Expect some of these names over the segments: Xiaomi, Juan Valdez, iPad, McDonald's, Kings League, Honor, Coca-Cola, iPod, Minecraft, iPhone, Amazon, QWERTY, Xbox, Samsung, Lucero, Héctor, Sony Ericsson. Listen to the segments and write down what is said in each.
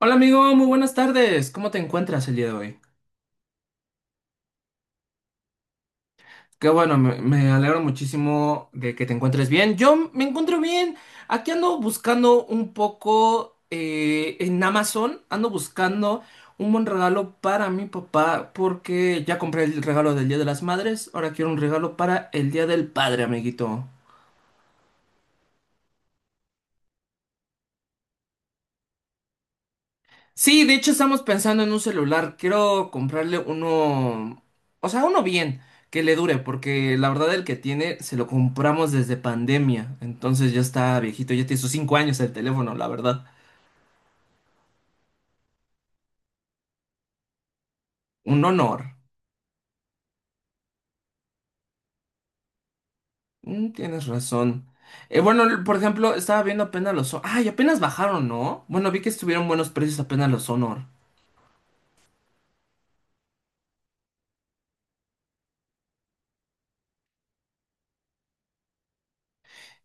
Hola amigo, muy buenas tardes. ¿Cómo te encuentras el día de hoy? Qué bueno, me alegro muchísimo de que te encuentres bien. Yo me encuentro bien. Aquí ando buscando un poco en Amazon, ando buscando un buen regalo para mi papá porque ya compré el regalo del Día de las Madres, ahora quiero un regalo para el Día del Padre, amiguito. Sí, de hecho estamos pensando en un celular. Quiero comprarle uno, o sea, uno bien, que le dure, porque la verdad el que tiene se lo compramos desde pandemia. Entonces ya está viejito, ya tiene sus 5 años el teléfono, la verdad. Un honor. Tienes razón. Bueno, por ejemplo, estaba viendo apenas los Ay, apenas bajaron, ¿no? Bueno, vi que estuvieron buenos precios apenas los Honor.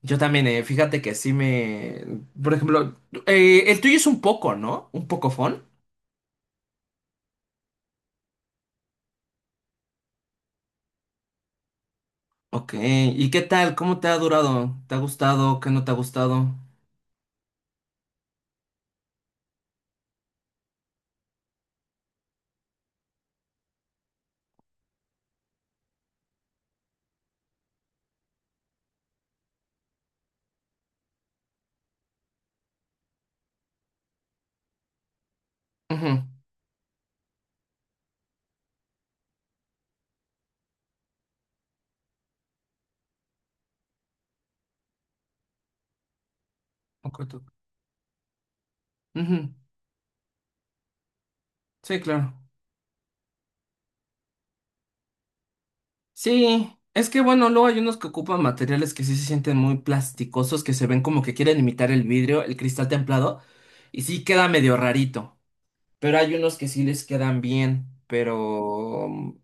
Yo también, fíjate que sí me. Por ejemplo, el tuyo es un poco, ¿no? Un poco. Ok, ¿y qué tal? ¿Cómo te ha durado? ¿Te ha gustado? ¿Qué no te ha gustado? Ujú. Ok, tú. Ujú. Sí, claro. Sí, es que bueno, luego hay unos que ocupan materiales que sí se sienten muy plasticosos, que se ven como que quieren imitar el vidrio, el cristal templado, y sí queda medio rarito. Pero hay unos que sí les quedan bien, pero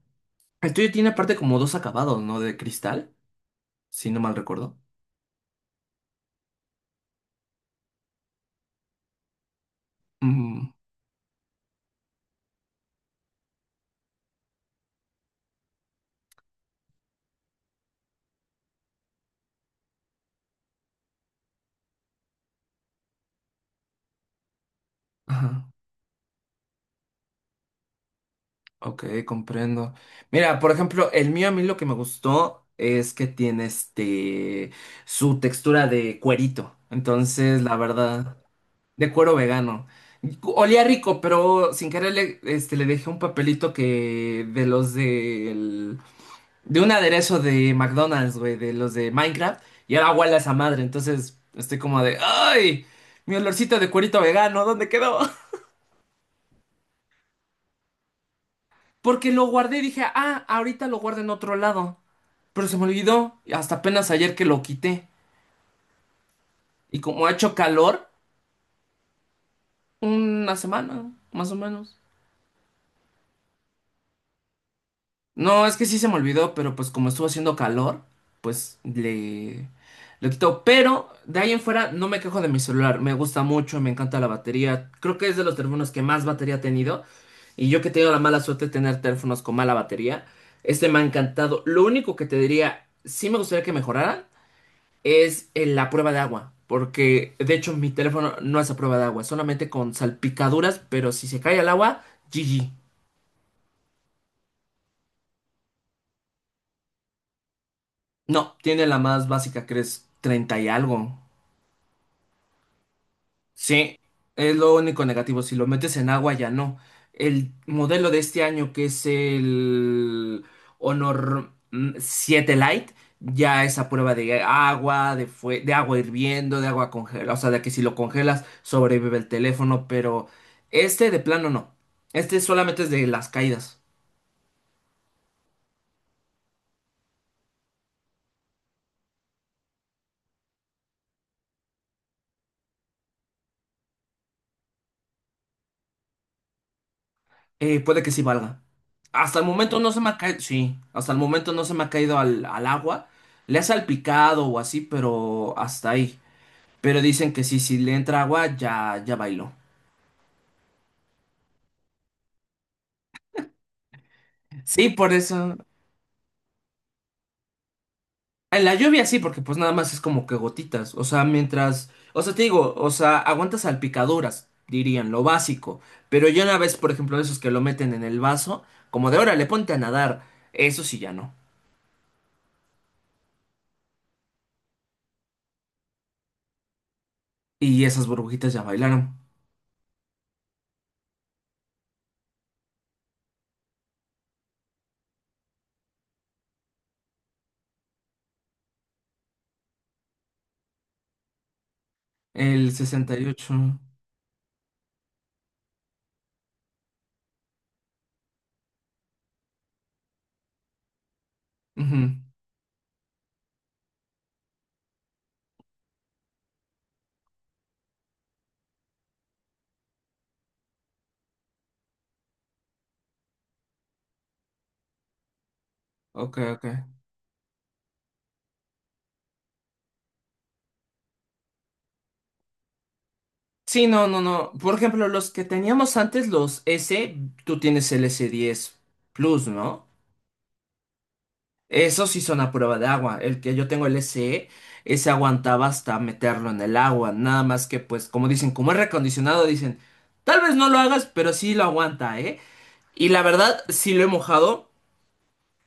el tuyo tiene aparte como dos acabados, ¿no? De cristal, si no mal recuerdo. Mm, ajá. Ok, comprendo. Mira, por ejemplo, el mío a mí lo que me gustó es que tiene este su textura de cuerito. Entonces, la verdad, de cuero vegano. Olía rico, pero sin querer le dejé un papelito que de de un aderezo de McDonald's, güey, de los de Minecraft, y era huele a esa madre. Entonces, estoy como de, ¡ay! Mi olorcito de cuerito vegano, ¿dónde quedó? Porque lo guardé y dije, ah, ahorita lo guardo en otro lado, pero se me olvidó hasta apenas ayer que lo quité. Y como ha hecho calor, una semana, más o menos. No, es que sí se me olvidó, pero pues como estuvo haciendo calor, pues le lo quito. Pero de ahí en fuera no me quejo de mi celular. Me gusta mucho, me encanta la batería. Creo que es de los teléfonos que más batería ha tenido. Y yo que he tenido la mala suerte de tener teléfonos con mala batería, este me ha encantado. Lo único que te diría, sí me gustaría que mejorara, es en la prueba de agua, porque de hecho mi teléfono no es a prueba de agua, solamente con salpicaduras, pero si se cae al agua, GG. No, tiene la más básica que es 30 y algo. Sí, es lo único negativo. Si lo metes en agua, ya no. El modelo de este año, que es el Honor 7 Lite, ya es a prueba de agua, de, de agua hirviendo, de agua congelada. O sea, de que si lo congelas, sobrevive el teléfono, pero este de plano no. Este solamente es de las caídas. Puede que sí valga. Hasta el momento no se me ha caído. Sí, hasta el momento no se me ha caído al agua. Le ha salpicado o así, pero hasta ahí. Pero dicen que sí, si le entra agua, ya, ya bailó. Sí, por eso. En la lluvia sí, porque pues nada más es como que gotitas. O sea, mientras. O sea, te digo, o sea, aguantas salpicaduras, dirían, lo básico. Pero yo una vez, por ejemplo, esos que lo meten en el vaso, como de órale, ponte a nadar. Eso sí ya no. Y esas burbujitas ya bailaron. El 68. Ujú. Ok, ok. Sí, no, no, no. Por ejemplo, los que teníamos antes, los S, tú tienes el S10 Plus, ¿no? Esos sí son a prueba de agua. El que yo tengo el SE, ese aguantaba hasta meterlo en el agua. Nada más que, pues, como dicen, como es recondicionado, dicen, tal vez no lo hagas, pero sí lo aguanta, ¿eh? Y la verdad, sí lo he mojado,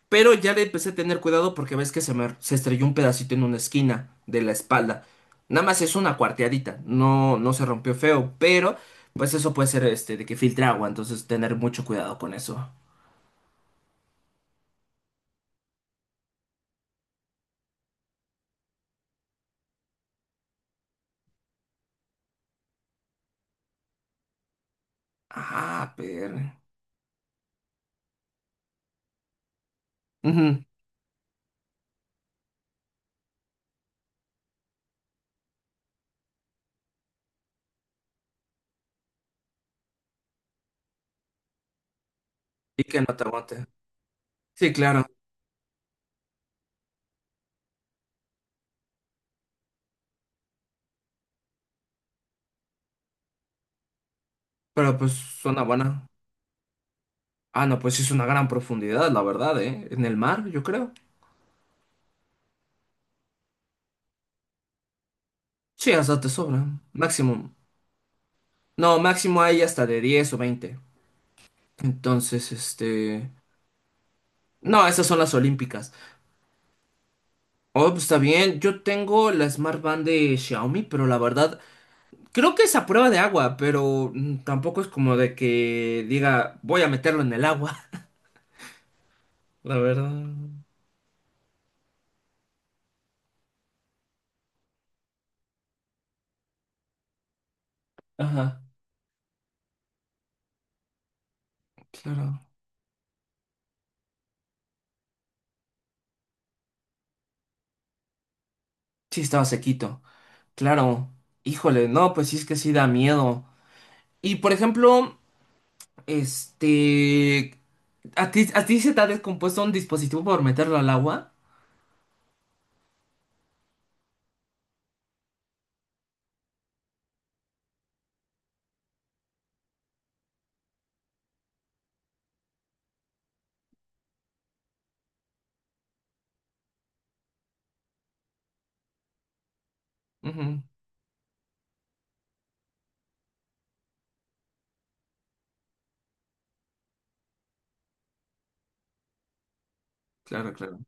pero ya le empecé a tener cuidado porque ves que se me se estrelló un pedacito en una esquina de la espalda. Nada más es una cuarteadita, no, no se rompió feo, pero pues eso puede ser este de que filtre agua, entonces tener mucho cuidado con eso. Ah, pero. Y que no te aguante. Sí, claro. Pero pues suena buena. Ah, no, pues sí es una gran profundidad, la verdad, ¿eh? En el mar, yo creo. Sí, hasta te sobra. Máximo. No, máximo hay hasta de 10 o 20. Entonces, este. No, esas son las olímpicas. Oh, pues está bien. Yo tengo la Smart Band de Xiaomi, pero la verdad, creo que es a prueba de agua, pero tampoco es como de que diga, voy a meterlo en el agua. La verdad. Ajá, claro. Sí, estaba sequito. Claro. Híjole, no, pues sí es que sí da miedo. Y por ejemplo, este, ¿a ti, se te ha descompuesto un dispositivo por meterlo al agua? Ujú, claro, claro.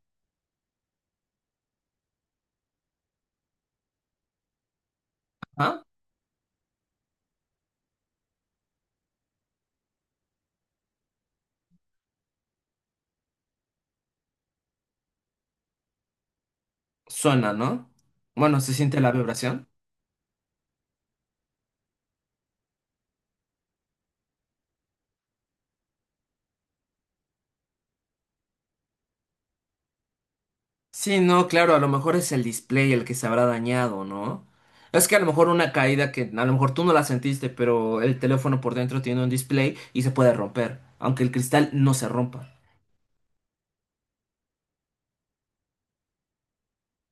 Ah, suena, ¿no? Bueno, se siente la vibración. Sí, no, claro, a lo mejor es el display el que se habrá dañado, ¿no? Es que a lo mejor una caída que a lo mejor tú no la sentiste, pero el teléfono por dentro tiene un display y se puede romper, aunque el cristal no se rompa.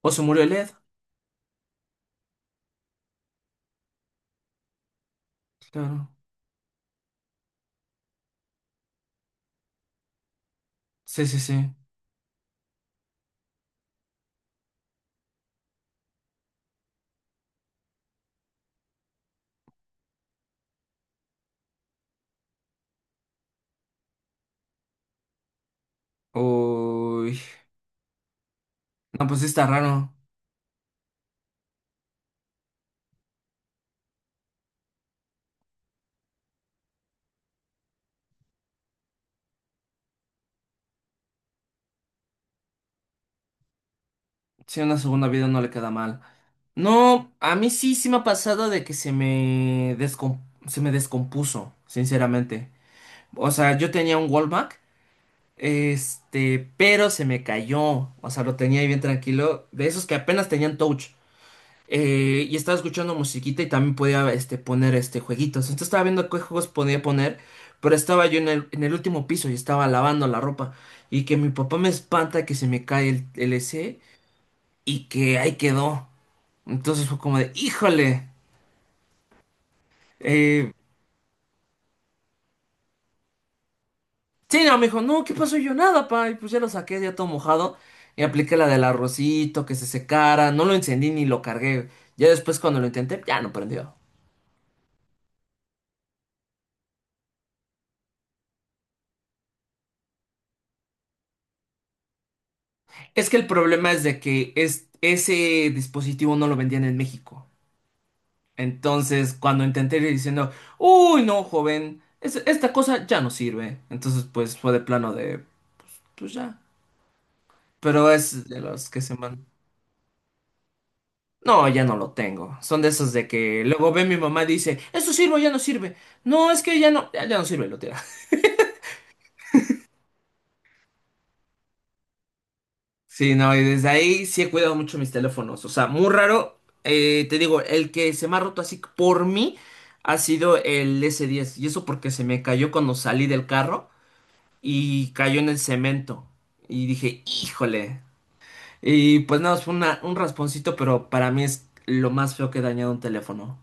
O se murió el LED. Claro. Sí, sí, sí. Uy. No, pues sí está raro. Si una segunda vida no le queda mal. No, a mí sí, sí me ha pasado de que se me, se me descompuso, sinceramente. O sea, yo tenía un Wallback, este, pero se me cayó. O sea, lo tenía ahí bien tranquilo, de esos que apenas tenían touch. Y estaba escuchando musiquita y también podía este, poner este, jueguitos. Entonces estaba viendo qué juegos podía poner, pero estaba yo en el último piso y estaba lavando la ropa. Y que mi papá me espanta que se me cae el y que ahí quedó. Entonces fue como de, híjole. Eh, sí, no, me dijo, no, ¿qué pasó? Y yo nada, pa. Y pues ya lo saqué, ya todo mojado. Y apliqué la del arrocito, que se secara. No lo encendí ni lo cargué. Ya después cuando lo intenté, ya no prendió. Es que el problema es de que es, ese dispositivo no lo vendían en México. Entonces, cuando intenté ir diciendo, uy, no, joven, esta cosa ya no sirve. Entonces, pues fue de plano de, pues ya. Pero es de los que se mandan. No, ya no lo tengo. Son de esos de que luego ve mi mamá y dice, eso sirve, o ya no sirve. No, es que ya no, ya, ya no sirve, lo tira. Sí, no, y desde ahí sí he cuidado mucho mis teléfonos. O sea, muy raro. Te digo, el que se me ha roto así por mí ha sido el S10. Y eso porque se me cayó cuando salí del carro y cayó en el cemento. Y dije, híjole. Y pues nada, fue un rasponcito, pero para mí es lo más feo que he dañado un teléfono.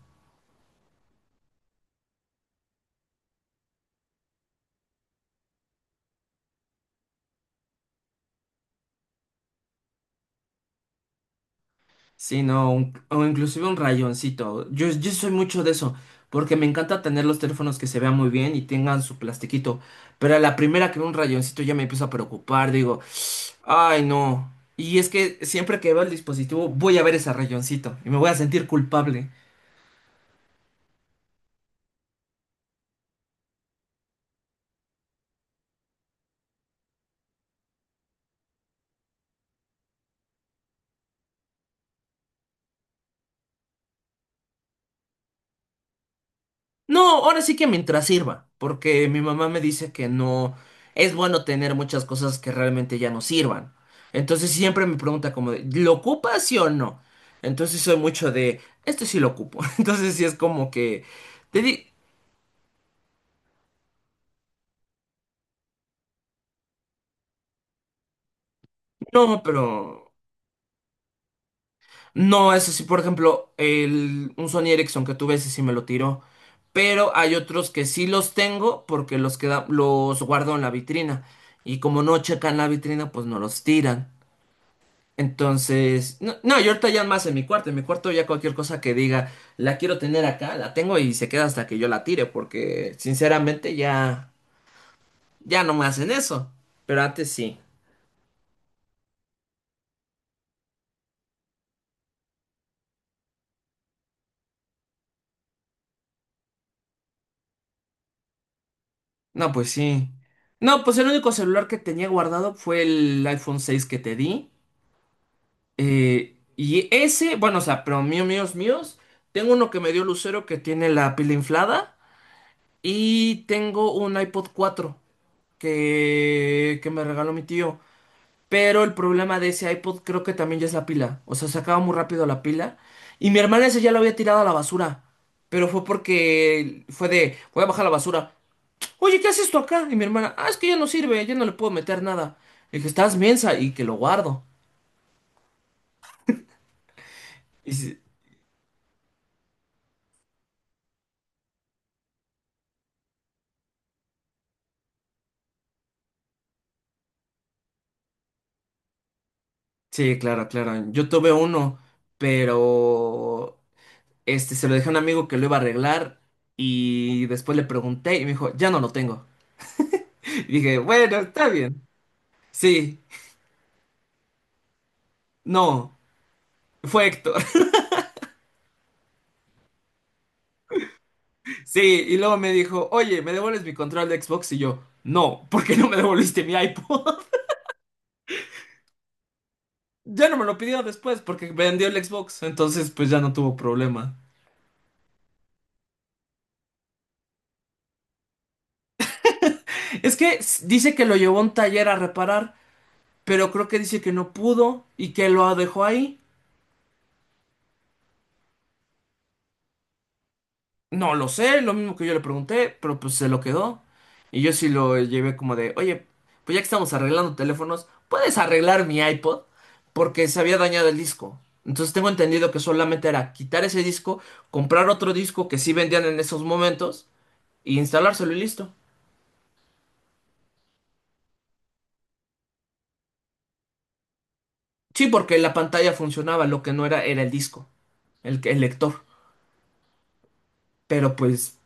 Sí, no, o inclusive un rayoncito. Yo soy mucho de eso, porque me encanta tener los teléfonos que se vean muy bien y tengan su plastiquito. Pero a la primera que veo un rayoncito ya me empiezo a preocupar, digo, ay no. Y es que siempre que veo el dispositivo voy a ver ese rayoncito y me voy a sentir culpable. No, ahora sí que mientras sirva, porque mi mamá me dice que no es bueno tener muchas cosas que realmente ya no sirvan. Entonces siempre me pregunta como de, ¿lo ocupas sí o no? Entonces soy mucho de, esto sí lo ocupo. Entonces sí es como que te di, no, pero no, eso sí, por ejemplo, el, un Sony Ericsson que tuve, ese sí me lo tiró. Pero hay otros que sí los tengo porque los queda, los guardo en la vitrina. Y como no checan la vitrina, pues no los tiran. Entonces, no, no, yo ahorita ya más en mi cuarto ya cualquier cosa que diga, la quiero tener acá, la tengo y se queda hasta que yo la tire, porque sinceramente ya, ya no me hacen eso, pero antes sí. No, pues sí. No, pues el único celular que tenía guardado fue el iPhone 6 que te di. eh, y ese, bueno, o sea, pero mío, míos, míos, tengo uno que me dio Lucero que tiene la pila inflada y tengo un iPod 4 que me regaló mi tío. Pero el problema de ese iPod creo que también ya es la pila. O sea, se acaba muy rápido la pila. Y mi hermana ese ya lo había tirado a la basura. Pero fue porque fue de, voy a bajar la basura. Oye, ¿qué haces esto acá? Y mi hermana, ah, es que ya no sirve, ya no le puedo meter nada. Le dije, estás mensa y que lo guardo. Y sí, sí, claro, claro. Yo tuve uno, pero este se lo dejé a un amigo que lo iba a arreglar. Y después le pregunté y me dijo, ya no lo tengo. Y dije, bueno, está bien. Sí, no, fue Héctor. Sí, y luego me dijo, oye, ¿me devuelves mi control de Xbox? Y yo, no, ¿por qué no me devolviste mi iPod? Ya no me lo pidió después porque vendió el Xbox, entonces pues ya no tuvo problema. Es que dice que lo llevó a un taller a reparar, pero creo que dice que no pudo y que lo dejó ahí. No lo sé, lo mismo que yo le pregunté, pero pues se lo quedó. Y yo sí lo llevé como de, oye, pues ya que estamos arreglando teléfonos, ¿puedes arreglar mi iPod? Porque se había dañado el disco. Entonces tengo entendido que solamente era quitar ese disco, comprar otro disco que sí vendían en esos momentos y instalárselo y listo. Sí, porque la pantalla funcionaba, lo que no era era el disco, el lector. Pero pues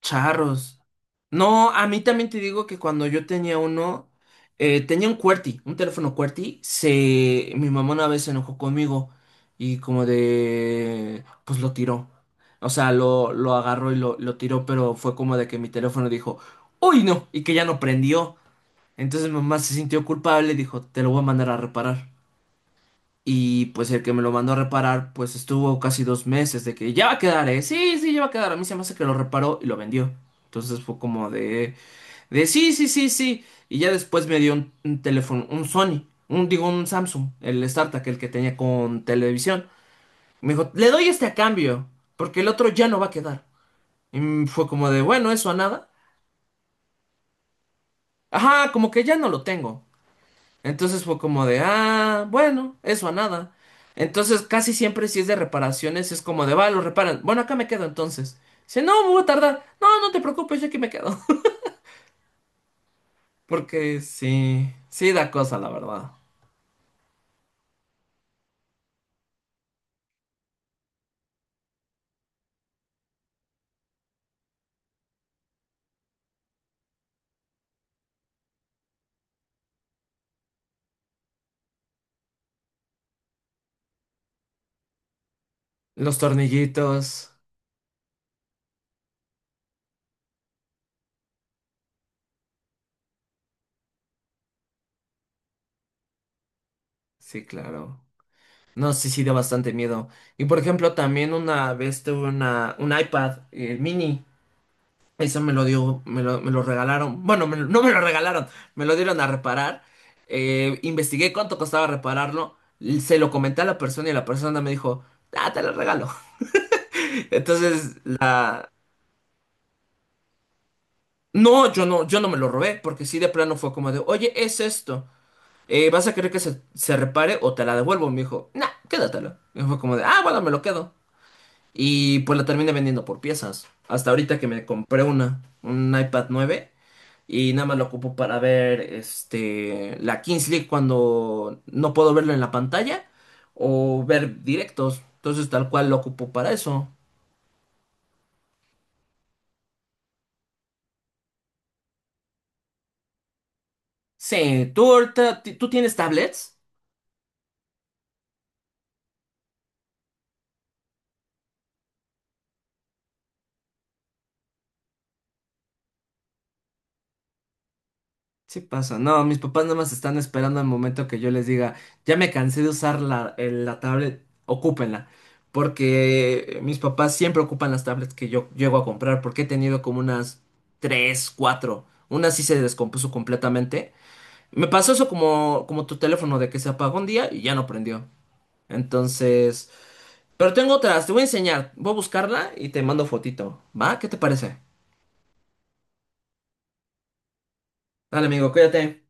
charros. No, a mí también te digo que cuando yo tenía uno, tenía un QWERTY, un teléfono QWERTY, mi mamá una vez se enojó conmigo y como de, pues lo tiró. O sea, lo agarró y lo tiró, pero fue como de que mi teléfono dijo, uy, no, y que ya no prendió. Entonces mi mamá se sintió culpable y dijo, te lo voy a mandar a reparar. Y pues el que me lo mandó a reparar, pues estuvo casi 2 meses de que ya va a quedar, ¿eh? Sí, sí, ya va a quedar. A mí se me hace que lo reparó y lo vendió. Entonces fue como de sí, sí, sí, sí. Y ya después me dio un teléfono, un Sony, un, digo, un Samsung, el startup, el que tenía con televisión. Me dijo, le doy este a cambio, porque el otro ya no va a quedar. Y fue como de, bueno, eso a nada. Ajá, como que ya no lo tengo. Entonces fue como de, ah, bueno, eso a nada. Entonces casi siempre si es de reparaciones es como de, va, lo reparan. Bueno, acá me quedo entonces. Dice, no, me voy a tardar. No, no te preocupes, yo aquí me quedo. Porque sí, sí da cosa, la verdad. Los tornillitos, sí, claro. No, sí, sí da bastante miedo. Y por ejemplo, también una vez tuve una, un iPad mini. Eso me lo dio, me lo regalaron. Bueno, no me lo regalaron, me lo dieron a reparar. Investigué cuánto costaba repararlo. Se lo comenté a la persona y la persona me dijo, ah, te lo regalo. Entonces, no, yo no me lo robé, porque sí de plano fue como de, oye, es esto. ¿Vas a querer que se repare o te la devuelvo? Me dijo, nah, quédatelo. Y fue como de, ah, bueno, me lo quedo. Y pues la terminé vendiendo por piezas. Hasta ahorita que me compré una, un iPad 9. Y nada más lo ocupo para ver este, la Kings League cuando no puedo verlo en la pantalla o ver directos. Entonces, tal cual lo ocupo para eso. Sí, ¿tú ahorita, tú tienes tablets? Sí pasa, no, mis papás nada más están esperando el momento que yo les diga, ya me cansé de usar la tablet, ocúpenla. Porque mis papás siempre ocupan las tablets que yo llego a comprar, porque he tenido como unas tres, cuatro. Una sí se descompuso completamente. Me pasó eso como tu teléfono de que se apagó un día y ya no prendió. Entonces, pero tengo otras, te voy a enseñar. Voy a buscarla y te mando fotito. ¿Va? ¿Qué te parece? Dale, amigo, cuídate.